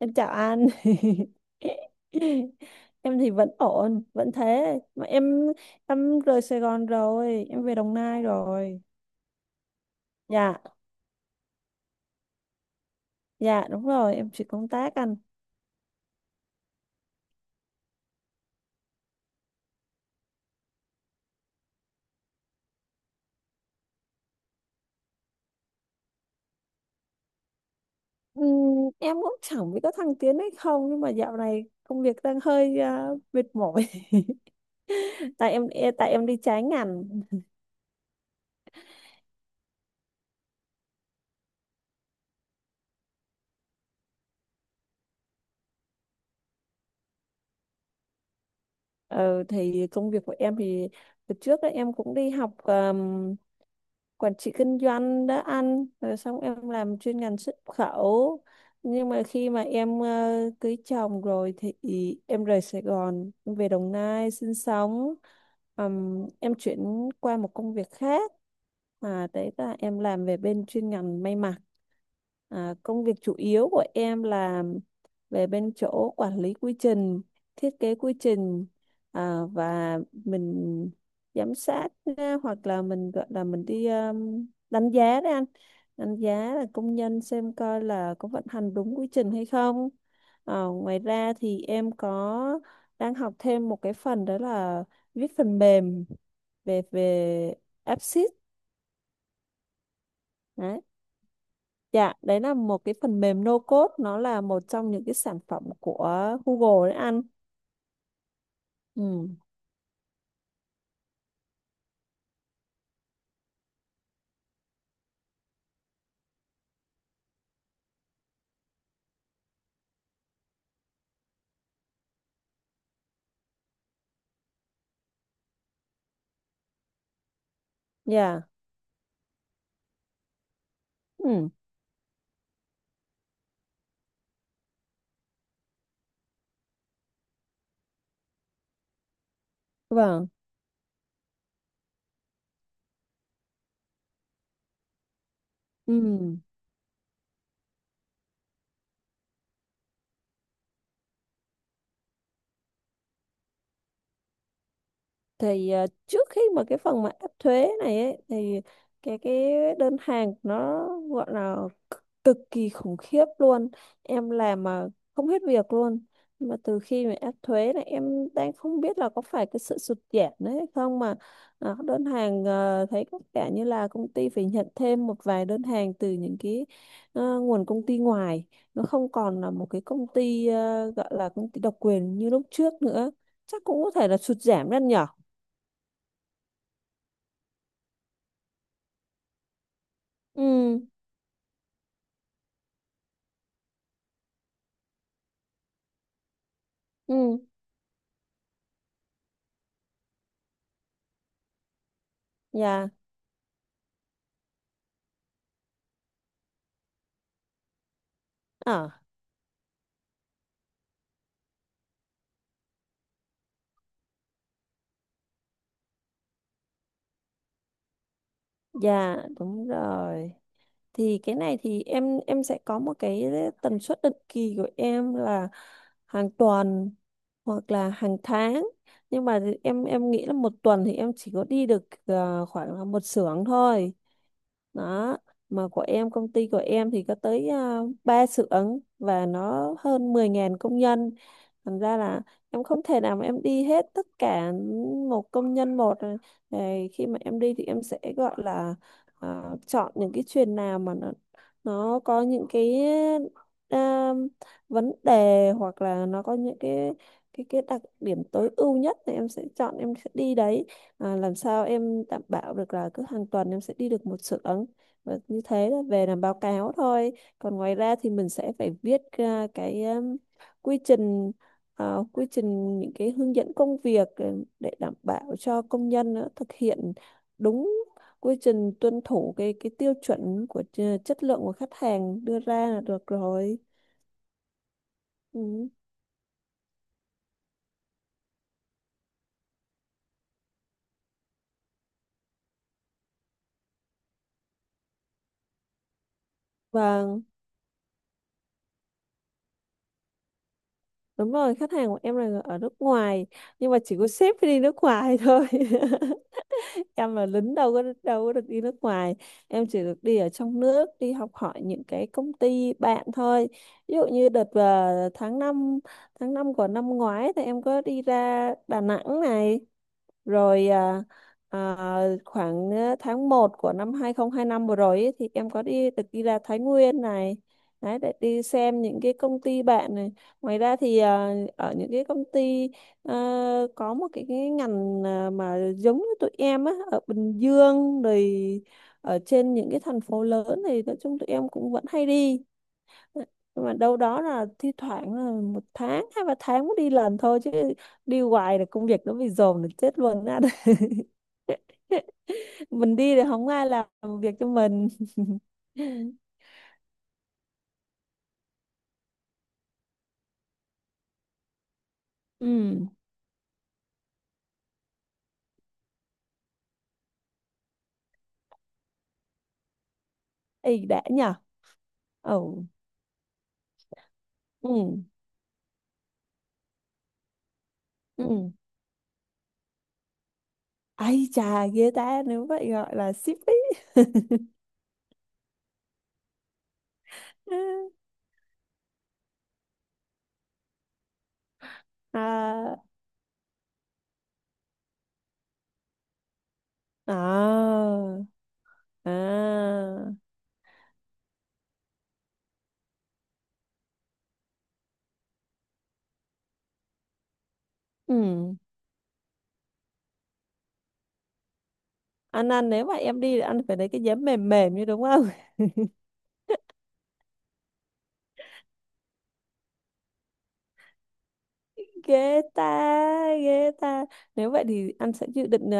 Em chào anh. Em thì vẫn ổn, vẫn thế. Mà em rời Sài Gòn rồi, em về Đồng Nai rồi. Dạ, dạ đúng rồi, em chuyển công tác anh. Ừm, em cũng chẳng biết có thăng tiến hay không, nhưng mà dạo này công việc đang hơi mệt mỏi. tại em tại em đi trái ngành. Ờ, thì công việc của em thì từ trước ấy, em cũng đi học quản trị kinh doanh đã ăn rồi, xong em làm chuyên ngành xuất khẩu. Nhưng mà khi mà em cưới chồng rồi thì em rời Sài Gòn, em về Đồng Nai sinh sống. Em chuyển qua một công việc khác, đấy là em làm về bên chuyên ngành may mặc. Công việc chủ yếu của em là về bên chỗ quản lý quy trình, thiết kế quy trình, và mình giám sát á, hoặc là mình gọi là mình đi đánh giá đấy anh. Đánh giá là công nhân xem coi là có vận hành đúng quy trình hay không. Ngoài ra thì em có đang học thêm một cái phần, đó là viết phần mềm về về AppSheet đấy. Dạ đấy là một cái phần mềm no code, nó là một trong những cái sản phẩm của Google đấy anh. Ừ. Dạ. Ừ. Vâng. Ừ. Thì trước khi mà cái phần mà áp thuế này ấy, thì cái đơn hàng nó gọi là c- cực kỳ khủng khiếp luôn. Em làm mà không hết việc luôn. Nhưng mà từ khi mà áp thuế này, em đang không biết là có phải cái sự sụt giảm đấy hay không mà đơn hàng thấy có vẻ như là công ty phải nhận thêm một vài đơn hàng từ những cái nguồn công ty ngoài. Nó không còn là một cái công ty gọi là công ty độc quyền như lúc trước nữa. Chắc cũng có thể là sụt giảm lên nhỉ. Ừ. Ừ. Dạ. ờ, dạ đúng rồi. Thì cái này thì em sẽ có một cái tần suất định kỳ của em là hàng tuần hoặc là hàng tháng. Nhưng mà em nghĩ là một tuần thì em chỉ có đi được khoảng là một xưởng thôi. Đó, mà của em công ty của em thì có tới 3 xưởng và nó hơn 10.000 công nhân. Thành ra là em không thể nào mà em đi hết tất cả một công nhân một. Rồi khi mà em đi thì em sẽ gọi là chọn những cái chuyền nào mà nó có những cái à, vấn đề, hoặc là nó có những cái đặc điểm tối ưu nhất thì em sẽ chọn, em sẽ đi đấy. Làm sao em đảm bảo được là cứ hàng tuần em sẽ đi được một xưởng, và như thế là về làm báo cáo thôi. Còn ngoài ra thì mình sẽ phải viết ra cái quy trình, quy trình những cái hướng dẫn công việc, để đảm bảo cho công nhân thực hiện đúng quy trình, tuân thủ cái tiêu chuẩn của chất lượng của khách hàng đưa ra là được rồi. Ừ. Vâng, đúng rồi, khách hàng của em là ở nước ngoài, nhưng mà chỉ có sếp phải đi nước ngoài thôi. Em là lính, đâu có được đi nước ngoài. Em chỉ được đi ở trong nước, đi học hỏi những cái công ty bạn thôi. Ví dụ như đợt vào tháng 5, tháng 5 của năm ngoái thì em có đi ra Đà Nẵng này. Rồi khoảng tháng 1 của năm 2025 vừa rồi ấy, thì em có đi được đi ra Thái Nguyên này. Đấy, để đi xem những cái công ty bạn này. Ngoài ra thì ở những cái công ty à, có một cái ngành mà giống như tụi em á, ở Bình Dương rồi ở trên những cái thành phố lớn, thì nói chung tụi em cũng vẫn hay đi. Nhưng mà đâu đó là thi thoảng là một tháng, hai ba tháng mới đi lần thôi chứ. Đi hoài là công việc nó bị dồn là chết luôn á. Mình đi thì không ai làm việc cho mình. Ừ. Ý đã nhờ. Ừ. Ừ. Ừ. Ai chà, ghê ta, nếu vậy gọi là ship ý. À. À. À. Ừ. Anh ăn, nếu mà em đi thì anh phải lấy cái giấm mềm mềm như đúng không. Ghê ta. Ghê ta. Nếu vậy thì anh sẽ dự định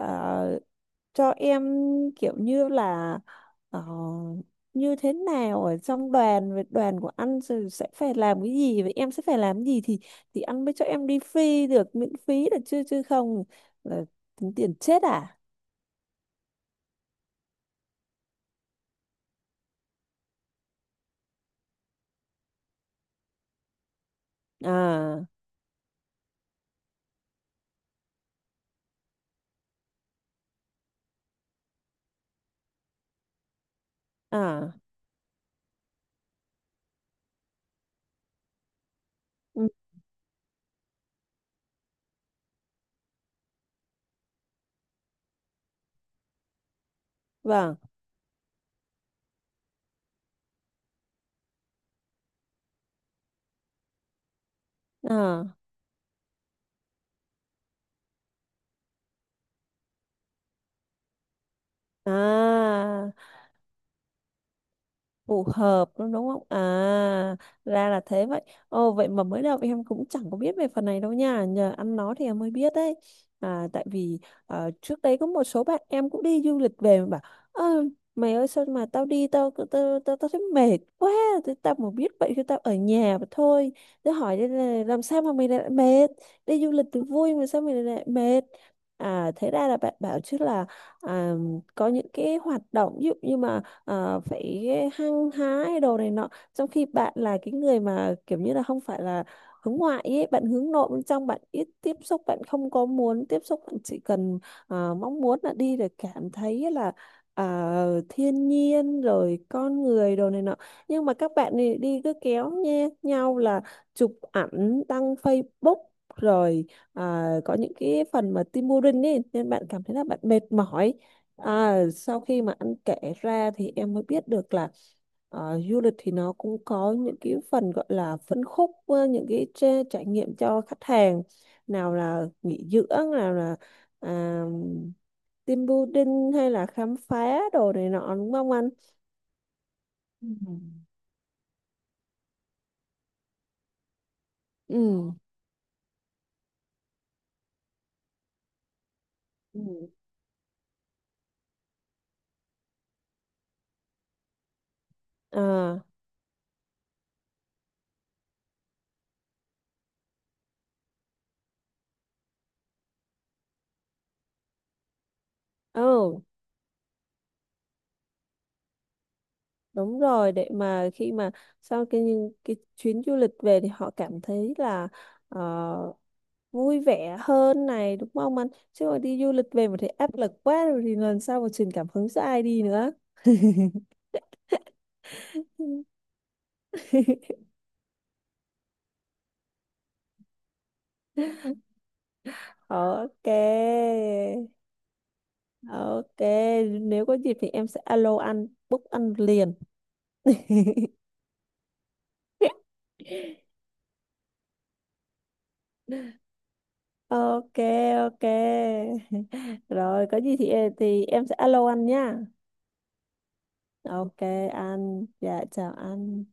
uh, cho em kiểu như là ờ, như thế nào ở trong đoàn, về đoàn của anh rồi sẽ phải làm cái gì và em sẽ phải làm cái gì, thì anh mới cho em đi free được, miễn phí được chứ chứ không là tính tiền chết À. À. À. Ừ. Vâng. À. À. Phù hợp đúng, đúng không à. Ra là thế vậy. Ồ, vậy mà mới đầu em cũng chẳng có biết về phần này đâu nha, nhờ ăn nó thì em mới biết đấy. Tại vì trước đấy có một số bạn em cũng đi du lịch về mà bảo: "Ơ, mày ơi, sao mà tao đi, tao thấy mệt quá. Thế tao mà biết vậy thì tao ở nhà mà thôi." Tao hỏi đây là làm sao mà mày lại mệt, đi du lịch thì vui mà sao mày lại mệt. Thế ra là bạn bảo chứ là à, có những cái hoạt động ví dụ như mà phải hăng hái đồ này nọ, trong khi bạn là cái người mà kiểu như là không phải là hướng ngoại ấy, bạn hướng nội, bên trong bạn ít tiếp xúc, bạn không có muốn tiếp xúc, bạn chỉ cần mong muốn là đi để cảm thấy là thiên nhiên rồi con người đồ này nọ. Nhưng mà các bạn này đi cứ kéo nhé nhau là chụp ảnh đăng Facebook, rồi có những cái phần mà tim urine ấy, nên bạn cảm thấy là bạn mệt mỏi. Sau khi mà anh kể ra thì em mới biết được là du lịch thì nó cũng có những cái phần gọi là phân khúc, những cái trải nghiệm cho khách hàng, nào là nghỉ dưỡng, nào là à, team building, hay là khám phá đồ này nọ, đúng không anh? Ừ. Ừ. Ừ. À. Ừ. Đúng rồi, để mà khi mà sau cái những cái chuyến du lịch về thì họ cảm thấy là ờ, vui vẻ hơn này, đúng không anh? Chứ mà đi du lịch về mà thấy áp lực quá rồi thì lần sau mà truyền cảm hứng cho ai đi nữa. Ok. Ok, nếu có dịp thì em sẽ alo anh, book anh liền. Ok, ok. Rồi có gì thì em sẽ alo anh nha. Ok anh, dạ chào anh.